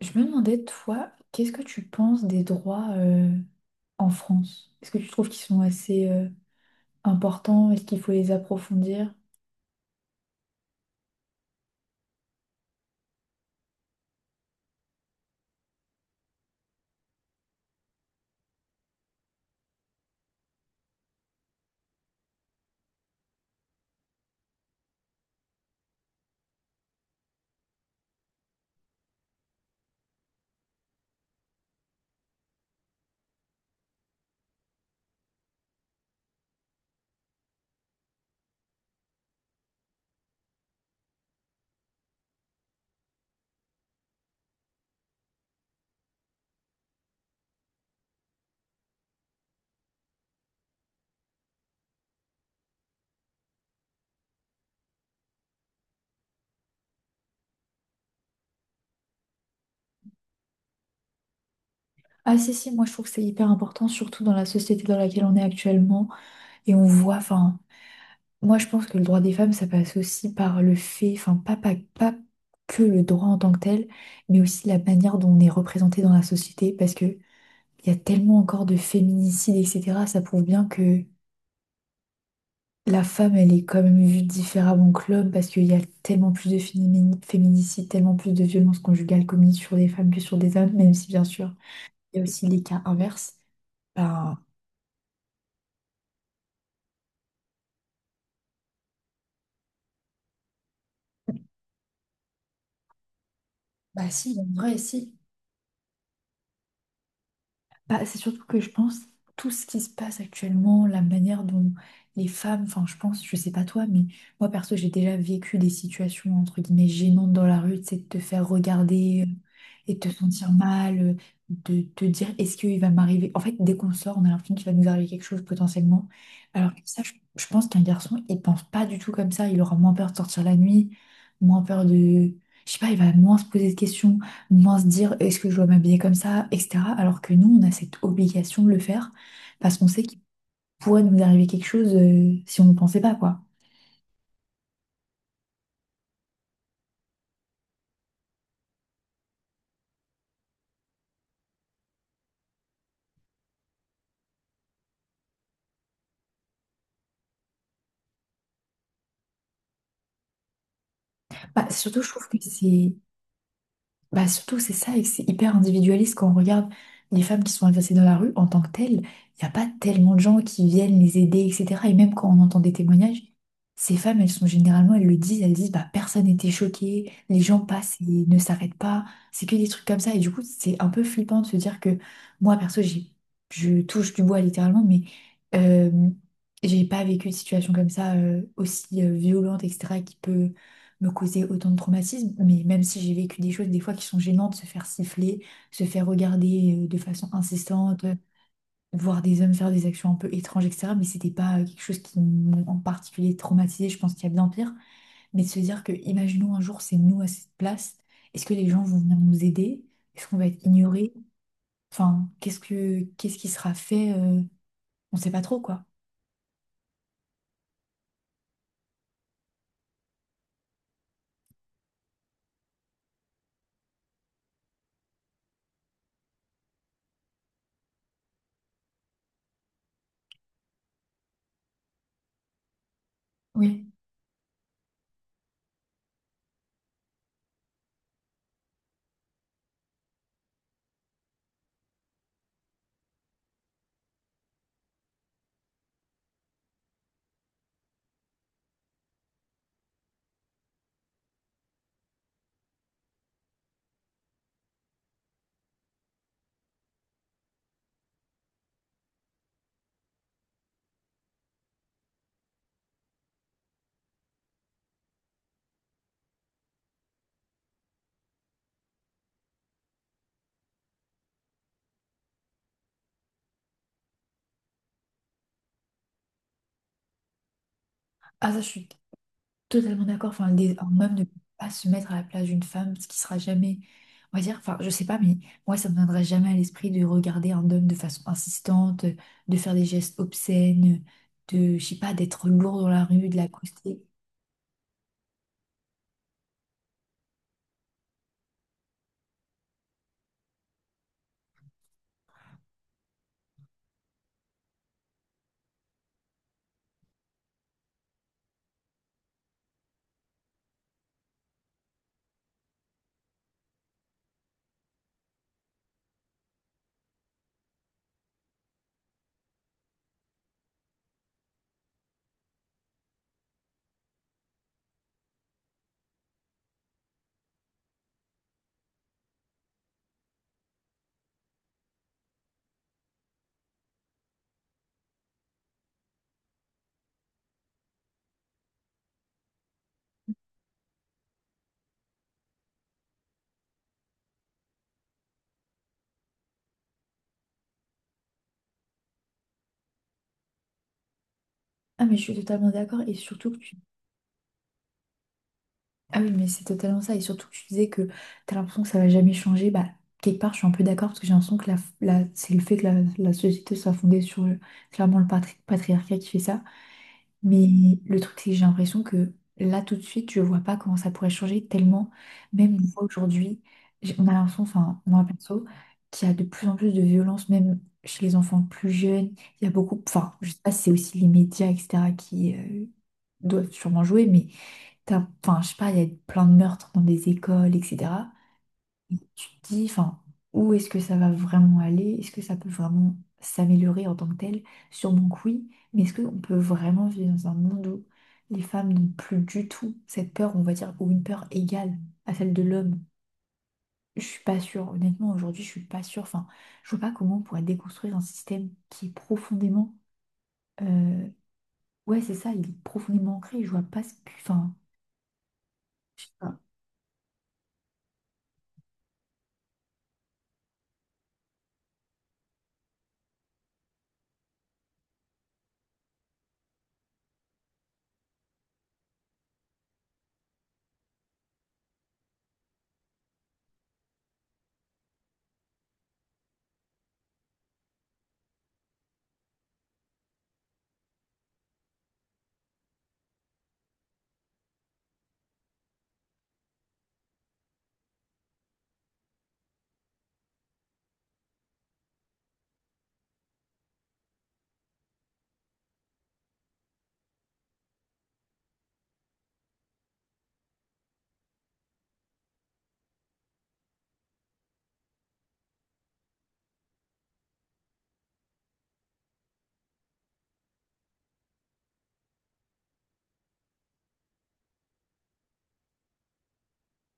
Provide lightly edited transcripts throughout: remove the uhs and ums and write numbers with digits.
Je me demandais, toi, qu'est-ce que tu penses des droits en France? Est-ce que tu trouves qu'ils sont assez importants? Est-ce qu'il faut les approfondir? Ah si, si, moi je trouve que c'est hyper important, surtout dans la société dans laquelle on est actuellement. Et on voit, enfin, moi je pense que le droit des femmes, ça passe aussi par le fait, enfin, pas que le droit en tant que tel, mais aussi la manière dont on est représenté dans la société, parce que il y a tellement encore de féminicides, etc. Ça prouve bien que la femme, elle est quand même vue différemment que l'homme parce qu'il y a tellement plus de féminicides, tellement plus de violences conjugales commises sur des femmes que sur des hommes, même si bien sûr, il y a aussi les cas inverses. Ben, bah si, en vrai, si. Bah, c'est surtout que je pense tout ce qui se passe actuellement, la manière dont les femmes, enfin je pense, je sais pas toi, mais moi perso j'ai déjà vécu des situations entre guillemets gênantes dans la rue, c'est de te faire regarder et de te sentir mal, de te dire est-ce qu'il va m'arriver. En fait, dès qu'on sort, on a l'impression qu'il va nous arriver quelque chose potentiellement. Alors que ça, je pense qu'un garçon, il pense pas du tout comme ça, il aura moins peur de sortir la nuit, moins peur de... Je sais pas, il va moins se poser de questions moins se dire est-ce que je dois m'habiller comme ça, etc. Alors que nous, on a cette obligation de le faire parce qu'on sait qu'il pourrait nous arriver quelque chose si on ne pensait pas, quoi. Bah, surtout, je trouve que c'est Bah surtout, c'est ça, et que c'est hyper individualiste quand on regarde les femmes qui sont agressées dans la rue en tant que telles. Il n'y a pas tellement de gens qui viennent les aider, etc. Et même quand on entend des témoignages, ces femmes, elles sont généralement, elles le disent, elles disent, bah personne n'était choqué, les gens passent et ne s'arrêtent pas. C'est que des trucs comme ça. Et du coup, c'est un peu flippant de se dire que moi, perso, je touche du bois littéralement, mais euh, j'ai pas vécu de situation comme ça aussi violente, etc., qui peut me causer autant de traumatisme, mais même si j'ai vécu des choses des fois qui sont gênantes, se faire siffler, se faire regarder de façon insistante, voir des hommes faire des actions un peu étranges, etc. Mais c'était pas quelque chose qui m'ont en particulier traumatisé, je pense qu'il y a bien pire. Mais de se dire que, imaginons un jour, c'est nous à cette place, est-ce que les gens vont venir nous aider? Est-ce qu'on va être ignoré? Enfin, qu'est-ce qui sera fait? On sait pas trop, quoi. Oui. Ah, ça, je suis totalement d'accord. Enfin, le un homme ne peut pas se mettre à la place d'une femme, ce qui sera jamais, on va dire, enfin, je sais pas, mais moi, ça me viendrait jamais à l'esprit de regarder un homme de façon insistante, de faire des gestes obscènes, de, je sais pas, d'être lourd dans la rue, de l'accoster. Ah, mais je suis totalement d'accord. Et surtout que tu. Ah oui, mais c'est totalement ça. Et surtout que tu disais que t'as l'impression que ça va jamais changer. Bah, quelque part, je suis un peu d'accord parce que j'ai l'impression que c'est le fait que la société soit fondée sur clairement le patriarcat qui fait ça. Mais le truc, c'est que j'ai l'impression que là, tout de suite, je vois pas comment ça pourrait changer tellement, même une fois aujourd'hui, on a l'impression, enfin, moi perso, qu'il y a de plus en plus de violence, même chez les enfants plus jeunes. Il y a beaucoup, enfin, je sais pas si c'est aussi les médias, etc., qui doivent sûrement jouer, mais t'as, enfin, je sais pas, il y a plein de meurtres dans des écoles, etc. Et tu te dis, enfin, où est-ce que ça va vraiment aller? Est-ce que ça peut vraiment s'améliorer en tant que tel? Sûrement que oui, mais est-ce qu'on peut vraiment vivre dans un monde où les femmes n'ont plus du tout cette peur, on va dire, ou une peur égale à celle de l'homme? Je suis pas sûre, honnêtement, aujourd'hui, je suis pas sûre. Enfin, je vois pas comment on pourrait déconstruire un système qui est profondément. Euh, Ouais, c'est ça, il est profondément ancré. Je vois pas ce que. Enfin,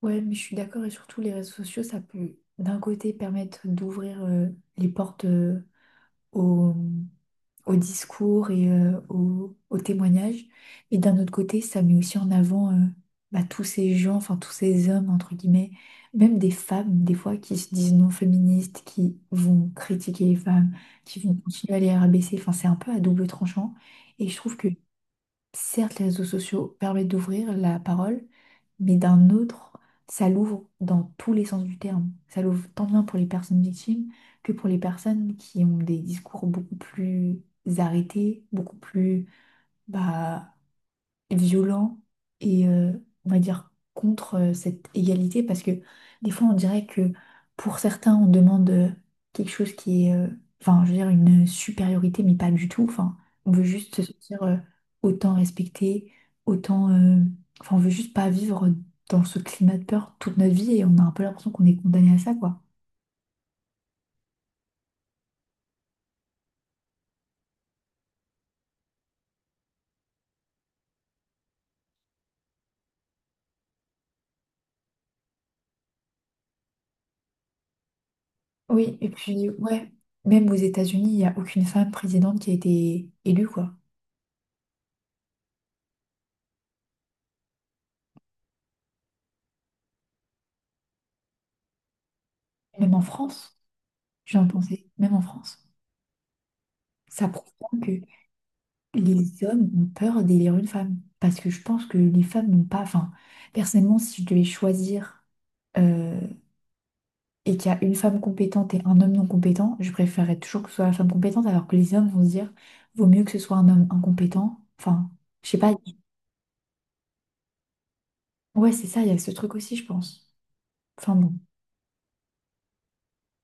ouais, mais je suis d'accord et surtout les réseaux sociaux, ça peut d'un côté permettre d'ouvrir les portes au, au discours et au témoignage, et d'un autre côté, ça met aussi en avant bah, tous ces gens, enfin tous ces hommes, entre guillemets, même des femmes, des fois, qui se disent non féministes, qui vont critiquer les femmes, qui vont continuer à les rabaisser, enfin c'est un peu à double tranchant, et je trouve que certes, les réseaux sociaux permettent d'ouvrir la parole, mais d'un autre, ça l'ouvre dans tous les sens du terme. Ça l'ouvre tant bien pour les personnes victimes que pour les personnes qui ont des discours beaucoup plus arrêtés, beaucoup plus bah, violent et on va dire contre cette égalité parce que des fois on dirait que pour certains on demande quelque chose qui est enfin je veux dire une supériorité mais pas du tout enfin on veut juste se sentir autant respecté autant enfin on veut juste pas vivre dans ce climat de peur toute notre vie et on a un peu l'impression qu'on est condamné à ça quoi. Oui et puis ouais même aux États-Unis il n'y a aucune femme présidente qui a été élue quoi. Même en France, je viens de penser, même en France, ça prouve bien que les hommes ont peur d'élire une femme. Parce que je pense que les femmes n'ont pas. Enfin, personnellement, si je devais choisir euh, et qu'il y a une femme compétente et un homme non compétent, je préférerais toujours que ce soit la femme compétente, alors que les hommes vont se dire, vaut mieux que ce soit un homme incompétent. Enfin, je sais pas. Ouais, c'est ça, il y a ce truc aussi, je pense. Enfin bon.